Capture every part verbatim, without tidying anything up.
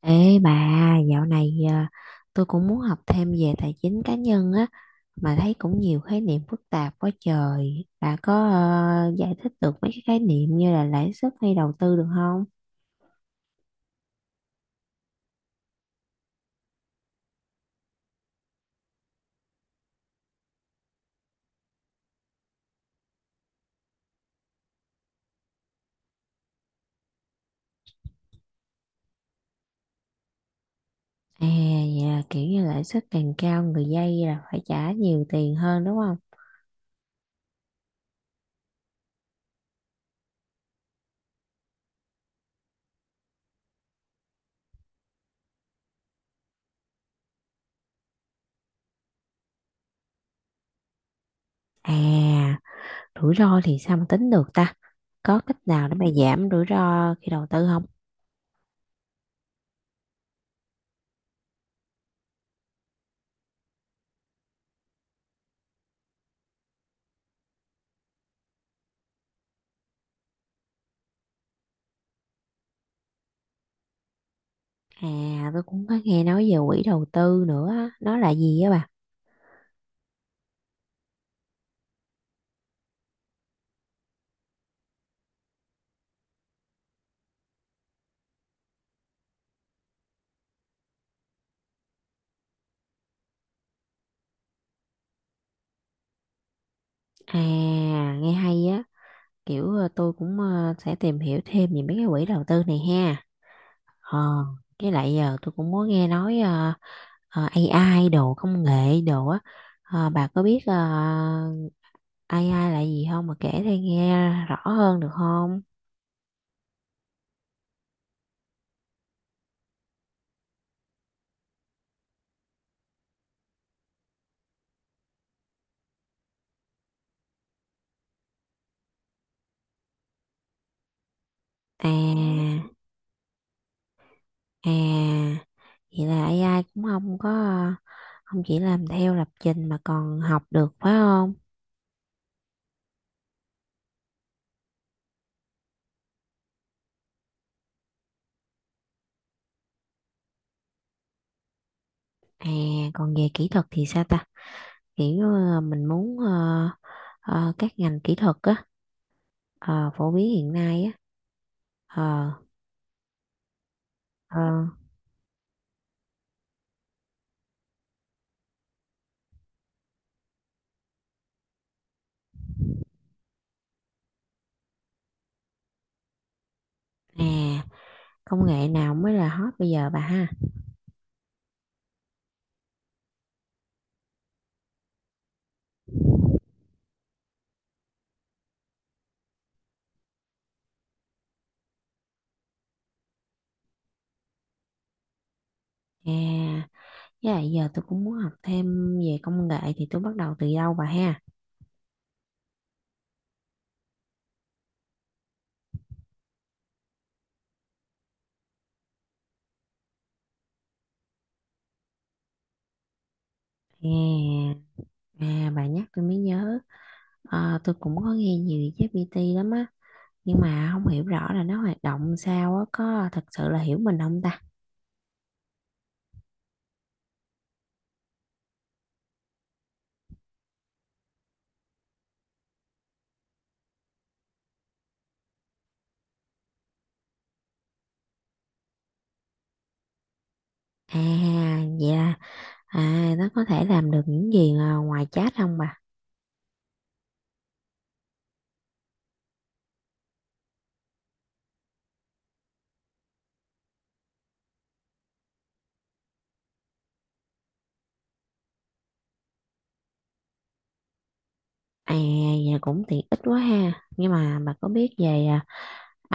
Ê bà, dạo này à, tôi cũng muốn học thêm về tài chính cá nhân á, mà thấy cũng nhiều khái niệm phức tạp quá trời. Bà có ờ, giải thích được mấy cái khái niệm như là lãi suất hay đầu tư được không? À, dạ, kiểu như lãi suất càng cao người vay là phải trả nhiều tiền hơn đúng không? À, rủi ro thì sao mà tính được ta? Có cách nào để mà giảm rủi ro khi đầu tư không? À, tôi cũng có nghe nói về quỹ đầu tư nữa, á, nó là gì á bà? À, nghe hay á. Kiểu ờ, tôi cũng ờ, sẽ tìm hiểu thêm về mấy cái quỹ đầu tư này ha. ờ với lại giờ tôi cũng muốn nghe nói ờ, ờ, a i đồ công nghệ đồ á. Ờ, bà có biết ờ, a i là gì không mà kể tôi nghe rõ hơn được không? À, à, vậy là a i cũng không có ờ, không chỉ làm theo lập trình mà còn học được phải không? À, còn về kỹ thuật thì sao ta? Kiểu ờ, mình muốn ờ, ờ, các ngành kỹ thuật á, ờ, phổ biến hiện nay á. ờ ờ À, công nghệ nào mới là hot bây giờ bà ha? À, với lại giờ tôi cũng muốn học thêm về công nghệ thì tôi bắt đầu từ đâu bà ha? À, à, bà nhắc tôi mới nhớ. Ờ, tôi cũng có nghe nhiều về ChatGPT lắm á, nhưng mà không hiểu rõ là nó hoạt động sao á, có thật sự là hiểu mình không ta? À, vậy là à nó có thể làm được những gì à, ngoài chat không bà? À, vậy cũng tiện ích quá ha, nhưng mà bà có biết về à,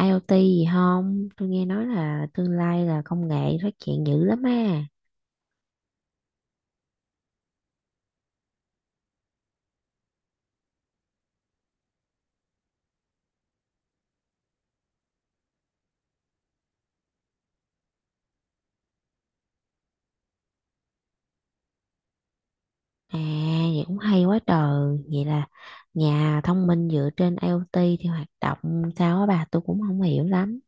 IoT gì không? Tôi nghe nói là tương lai là công nghệ phát triển dữ lắm á. À, vậy cũng hay quá trời. Vậy là nhà thông minh dựa trên IoT thì hoạt động sao á bà? Tôi cũng không hiểu lắm.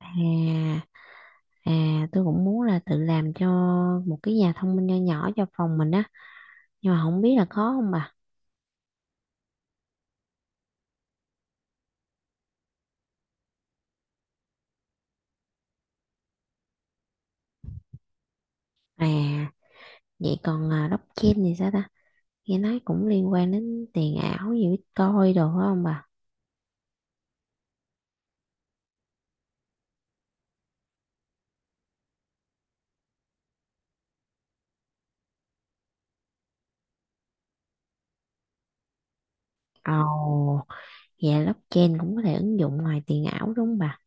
À, à, tôi cũng muốn là tự làm cho một cái nhà thông minh nho nhỏ cho phòng mình á. Nhưng mà không biết là khó không bà? À, vậy còn à, blockchain thì sao ta? Nghe nói cũng liên quan đến tiền ảo gì Bitcoin đồ phải không bà? Ồ. Dạ blockchain cũng có thể ứng dụng ngoài tiền ảo đúng không bà?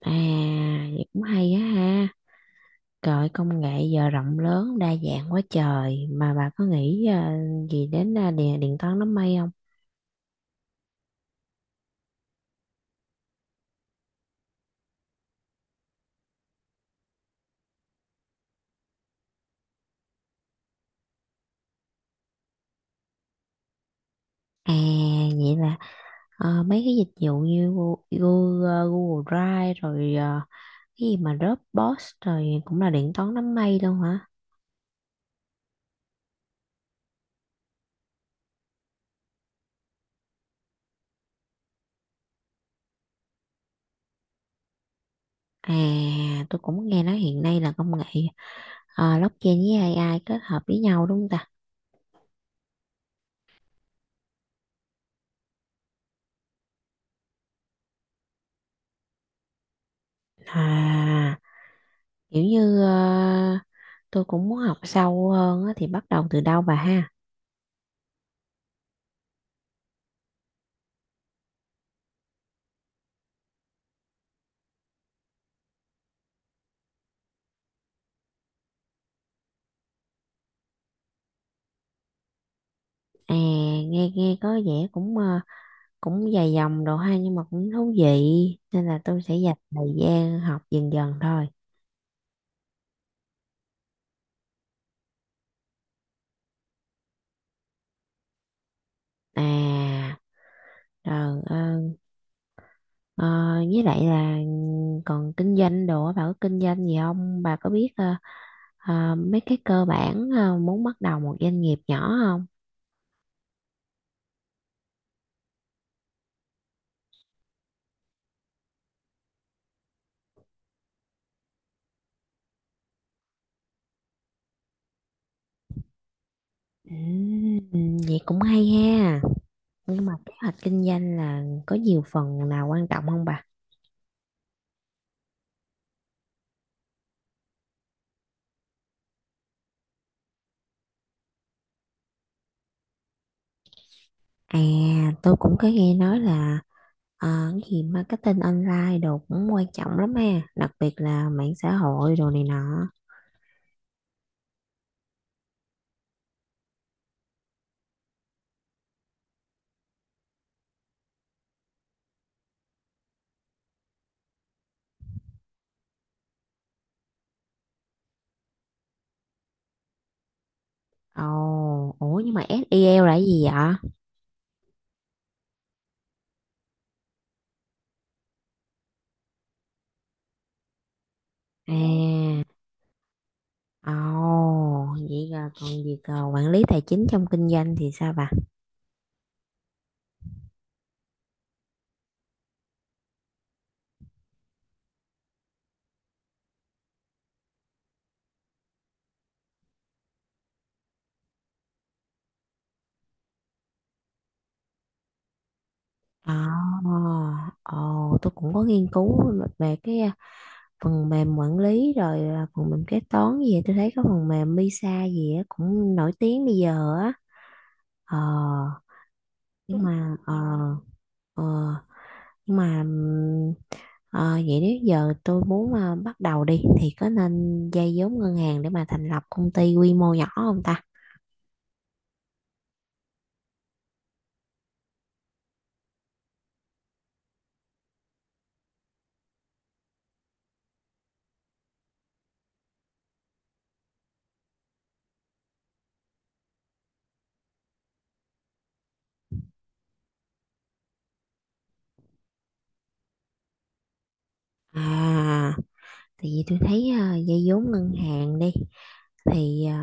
À, vậy cũng hay á ha. Trời ơi, công nghệ giờ rộng lớn đa dạng quá trời, mà bà có nghĩ ờ, gì đến ờ, điện điện toán đám mây không? À, vậy là ờ, mấy cái dịch vụ như Google, Google, Google Drive rồi ờ, cái gì mà Dropbox rồi cũng là điện toán đám mây luôn hả? À, tôi cũng nghe nói hiện nay là công nghệ ờ, blockchain với a i kết hợp với nhau đúng không ta? À, kiểu như ờ, tôi cũng muốn học sâu hơn á, thì bắt đầu từ đâu bà ha? À, nghe nghe có vẻ cũng ờ, cũng dài dòng đồ ha, nhưng mà cũng thú vị nên là tôi sẽ dành thời gian học dần dần thôi. À, rồi ờ, ờ, với lại là còn kinh doanh đồ á, bà có kinh doanh gì không? Bà có biết ờ, ờ, mấy cái cơ bản ờ, muốn bắt đầu một doanh nghiệp nhỏ không? Ừ, vậy cũng hay ha. Nhưng mà kế hoạch kinh doanh là có nhiều phần nào quan trọng không bà? À, tôi cũng có nghe nói là ờ, cái gì marketing online đồ cũng quan trọng lắm ha, đặc biệt là mạng xã hội đồ này nọ. Ồ, ủa nhưng mà ét e lờ là cái gì vậy? À, ồ, vậy là còn việc ờ, quản lý tài chính trong kinh doanh thì sao bà? À, ồ, tôi cũng có nghiên cứu về cái à, phần mềm quản lý rồi à, phần mềm kế toán gì á. Tôi thấy có phần mềm Misa gì á cũng nổi tiếng bây giờ á. ờ nhưng. Ừ. Mà ờ ờ, nhưng mà ừm, ờ, vậy nếu giờ tôi muốn à, bắt đầu đi thì có nên vay vốn ngân hàng để mà thành lập công ty quy mô nhỏ không ta? À, tại vì tôi thấy à, vay vốn ngân hàng đi thì à,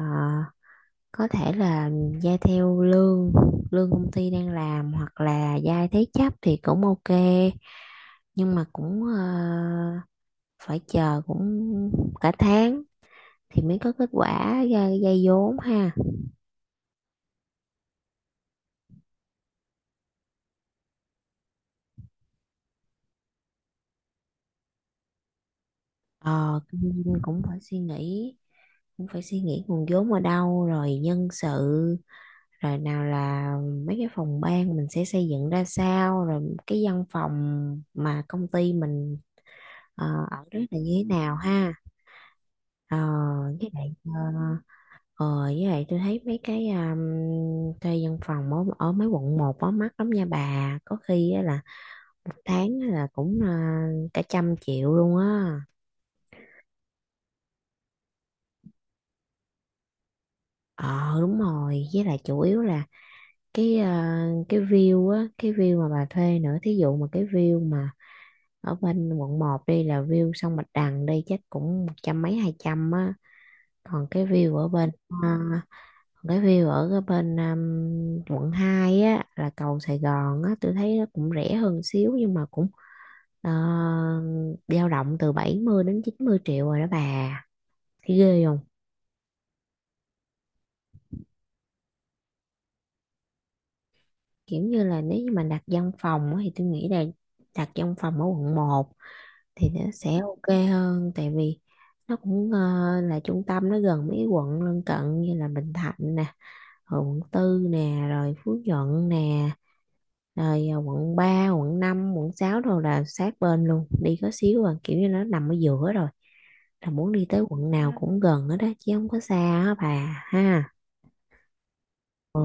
có thể là gia theo lương lương công ty đang làm hoặc là gia thế chấp thì cũng ok, nhưng mà cũng ờ, phải chờ cũng cả tháng thì mới có kết quả gia, gia vốn ha. ờ Kinh cũng phải suy nghĩ cũng phải suy nghĩ nguồn vốn ở đâu, rồi nhân sự, rồi nào là mấy cái phòng ban mình sẽ xây dựng ra sao, rồi cái văn phòng mà công ty mình ờ, ở đó là như thế nào ha. Ờ, với lại ờ, ờ, với lại tôi thấy mấy cái um, thuê văn phòng ở, ở mấy quận một á mắc lắm nha, bà có khi á là một tháng á là cũng ờ, cả trăm triệu luôn á. ờ Đúng rồi, với lại chủ yếu là cái ờ, cái view á, cái view mà bà thuê nữa, thí dụ mà cái view mà ở bên quận một đi là view sông Bạch Đằng đi chắc cũng một trăm mấy hai trăm á, còn cái view ở bên ờ, cái view ở cái bên um, quận hai á là cầu Sài Gòn á, tôi thấy nó cũng rẻ hơn xíu nhưng mà cũng uh, dao động từ bảy mươi đến chín mươi triệu rồi đó bà, thấy ghê không? Kiểu như là nếu như mà đặt văn phòng á, thì tôi nghĩ là đặt văn phòng ở quận một thì nó sẽ ok hơn, tại vì nó cũng ờ, là trung tâm, nó gần mấy quận lân cận như là Bình Thạnh nè, rồi quận tư nè, rồi Phú Nhuận nè, rồi à, quận ba, quận năm, quận sáu rồi là sát bên luôn đi có xíu à kiểu như nó nằm ở giữa rồi, là muốn đi tới quận, Ừ, nào cũng gần hết đó chứ không có xa á bà ha. Ừ,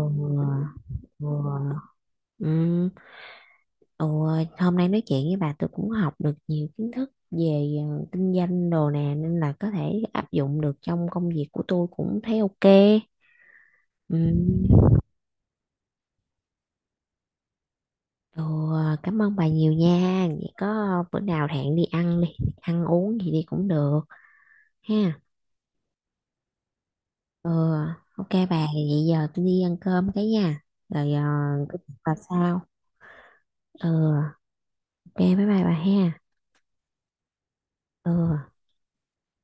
ừ, ừ. Ừ, hôm nay nói chuyện với bà tôi cũng học được nhiều kiến thức về ờ, kinh doanh đồ nè, nên là có thể áp dụng được trong công việc của tôi, cũng thấy ok. Ừ. Ồ, cảm ơn bà nhiều nha. Vậy có bữa nào hẹn đi ăn đi, ăn uống gì đi cũng được ha. Ừ, ok bà, vậy giờ tôi đi ăn cơm cái nha. Rồi ờ, cứ bà sau. Ừ, ok bye bye bà ha. Ừ.